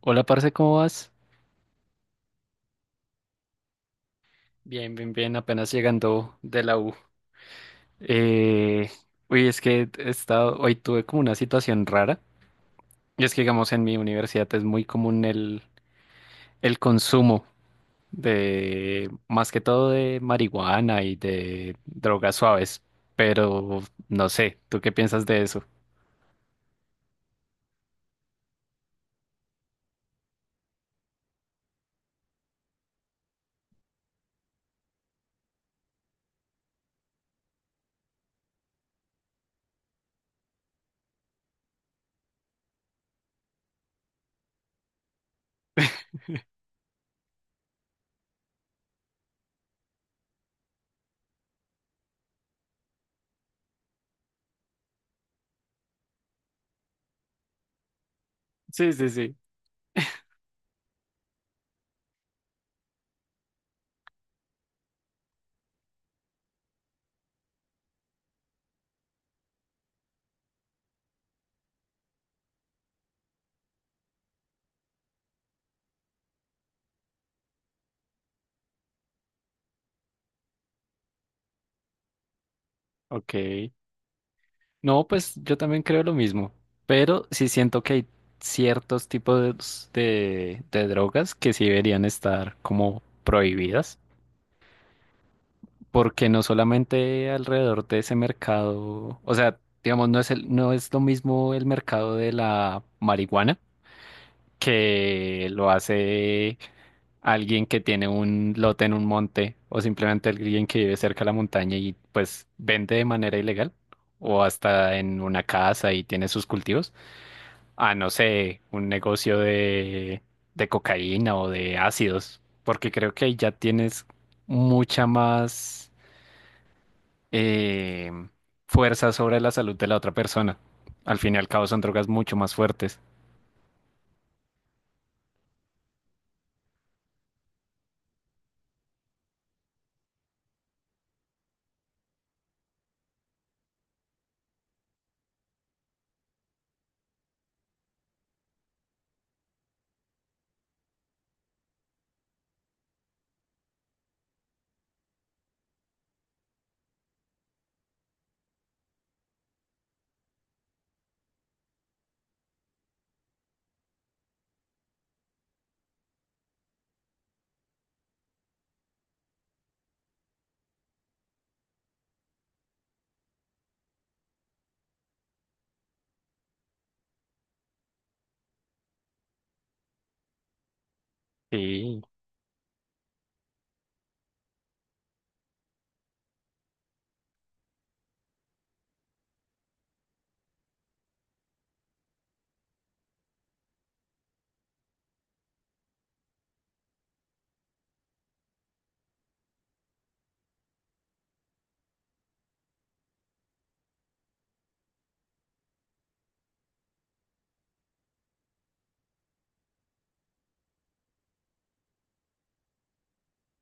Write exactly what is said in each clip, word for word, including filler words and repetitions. Hola, parce, ¿cómo vas? Bien, bien, bien, apenas llegando de la U. Eh, uy, es que he estado, hoy tuve como una situación rara. Y es que, digamos, en mi universidad es muy común el, el consumo de, más que todo de marihuana y de drogas suaves. Pero no sé, ¿tú qué piensas de eso? Sí, sí, sí. Ok. No, pues yo también creo lo mismo, pero sí siento que hay ciertos tipos de, de drogas que sí deberían estar como prohibidas, porque no solamente alrededor de ese mercado, o sea, digamos, no es el, no es lo mismo el mercado de la marihuana que lo hace alguien que tiene un lote en un monte o simplemente alguien que vive cerca de la montaña y pues vende de manera ilegal o hasta en una casa y tiene sus cultivos a, no sé, un negocio de, de cocaína o de ácidos, porque creo que ahí ya tienes mucha más eh, fuerza sobre la salud de la otra persona. Al fin y al cabo son drogas mucho más fuertes. Sí.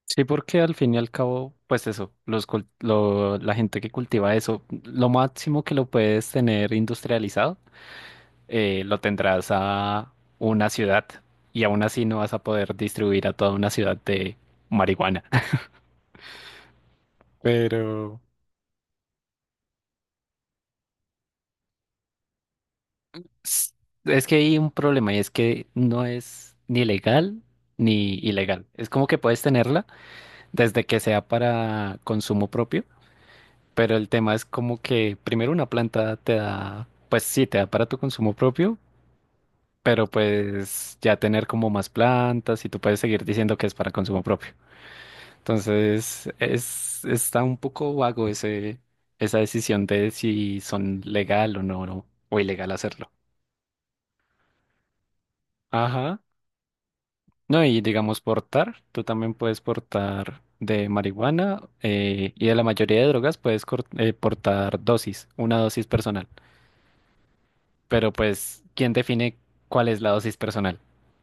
Sí, porque al fin y al cabo, pues eso, los cul- lo- la gente que cultiva eso, lo máximo que lo puedes tener industrializado, eh, lo tendrás a una ciudad y aún así no vas a poder distribuir a toda una ciudad de marihuana. Pero, S- es que hay un problema y es que no es ni legal ni ilegal. Es como que puedes tenerla desde que sea para consumo propio, pero el tema es como que primero una planta te da, pues sí, te da para tu consumo propio, pero pues ya tener como más plantas y tú puedes seguir diciendo que es para consumo propio. Entonces, es, está un poco vago ese, esa decisión de si son legal o no, o ilegal hacerlo. Ajá. No, y digamos portar, tú también puedes portar de marihuana eh, y de la mayoría de drogas puedes cor- eh, portar dosis, una dosis personal. Pero pues, ¿quién define cuál es la dosis personal?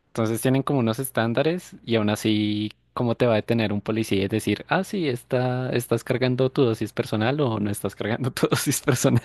Entonces tienen como unos estándares y aún así, ¿cómo te va a detener un policía y decir, ah, sí, está, estás cargando tu dosis personal o no estás cargando tu dosis personal?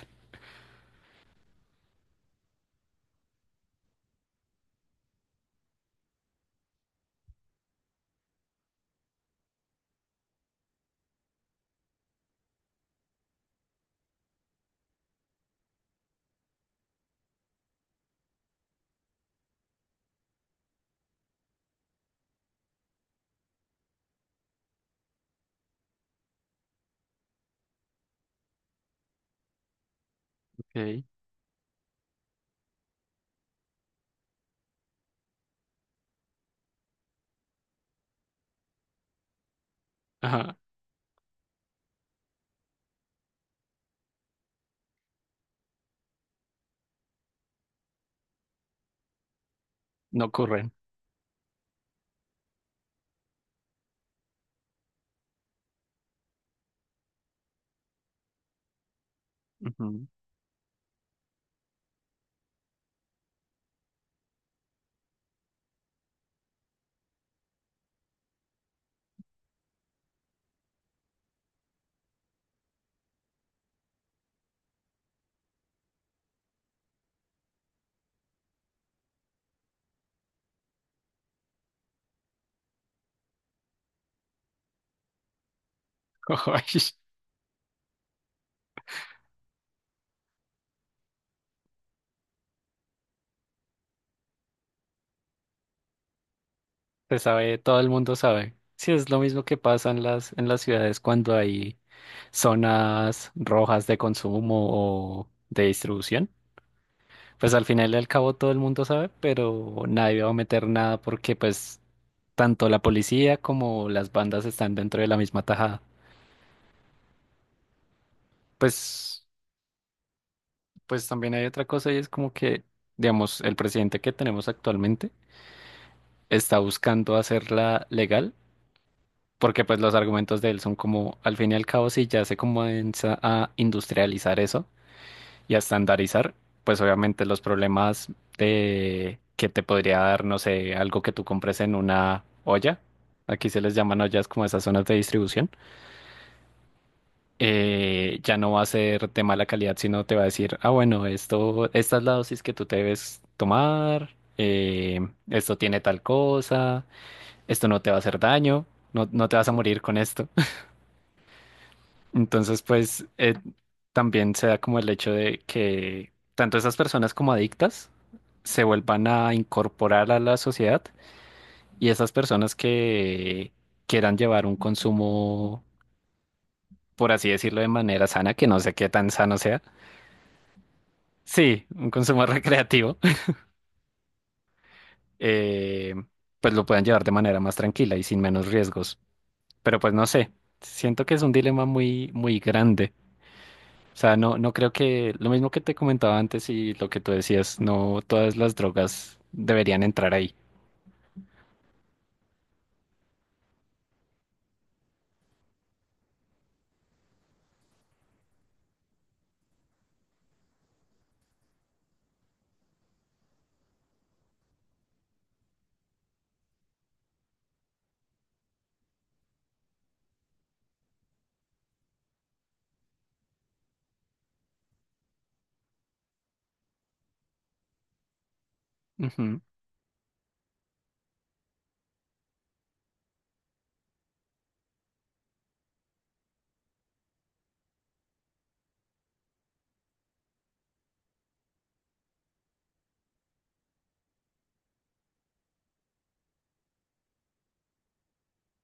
Ok. Ajá, no ocurren. Ujú. Se sabe, todo el mundo sabe. Sí, es lo mismo que pasa en las, en las ciudades cuando hay zonas rojas de consumo o de distribución. Pues al final y al cabo todo el mundo sabe, pero nadie va a meter nada porque pues tanto la policía como las bandas están dentro de la misma tajada. Pues, pues también hay otra cosa y es como que, digamos, el presidente que tenemos actualmente está buscando hacerla legal porque pues los argumentos de él son como, al fin y al cabo, si ya se comienza a industrializar eso y a estandarizar, pues obviamente los problemas de que te podría dar, no sé, algo que tú compres en una olla, aquí se les llaman ollas como esas zonas de distribución, eh, ya no va a ser de mala calidad, sino te va a decir, ah, bueno, esto, esta es la dosis que tú te debes tomar, eh, esto tiene tal cosa, esto no te va a hacer daño, no, no te vas a morir con esto. Entonces, pues eh, también se da como el hecho de que tanto esas personas como adictas se vuelvan a incorporar a la sociedad y esas personas que quieran llevar un consumo, por así decirlo, de manera sana, que no sé qué tan sano sea, sí, un consumo recreativo, eh, pues lo puedan llevar de manera más tranquila y sin menos riesgos. Pero pues no sé, siento que es un dilema muy, muy grande. O sea, no, no creo que lo mismo que te comentaba antes y lo que tú decías, no todas las drogas deberían entrar ahí. Ujú.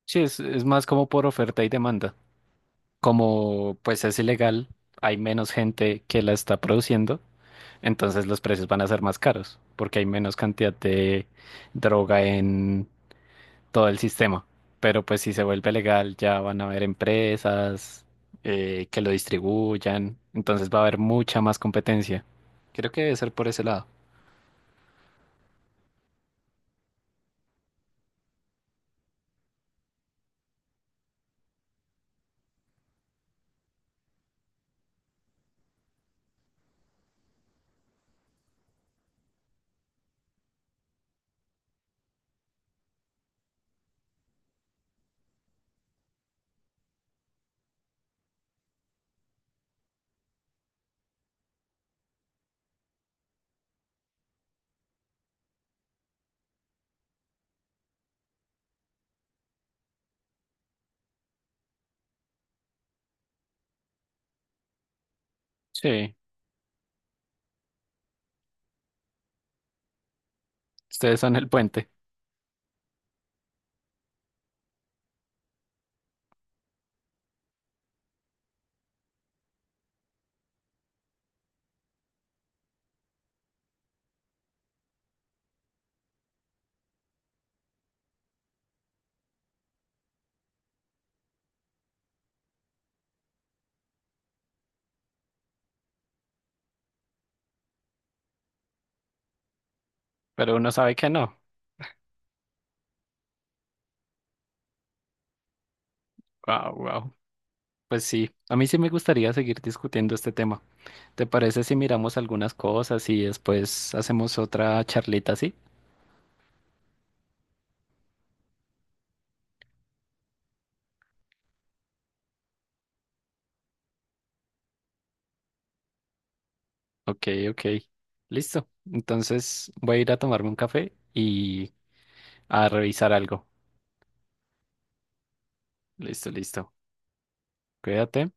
Sí, es, es más como por oferta y demanda. Como pues es ilegal, hay menos gente que la está produciendo, entonces los precios van a ser más caros porque hay menos cantidad de droga en todo el sistema. Pero pues si se vuelve legal ya van a haber empresas eh, que lo distribuyan, entonces va a haber mucha más competencia. Creo que debe ser por ese lado. Sí, ustedes son el puente, pero uno sabe que no. Wow, wow. Pues sí, a mí sí me gustaría seguir discutiendo este tema. ¿Te parece si miramos algunas cosas y después hacemos otra charlita así? Ok, ok. Listo. Entonces voy a ir a tomarme un café y a revisar algo. Listo, listo. Cuídate.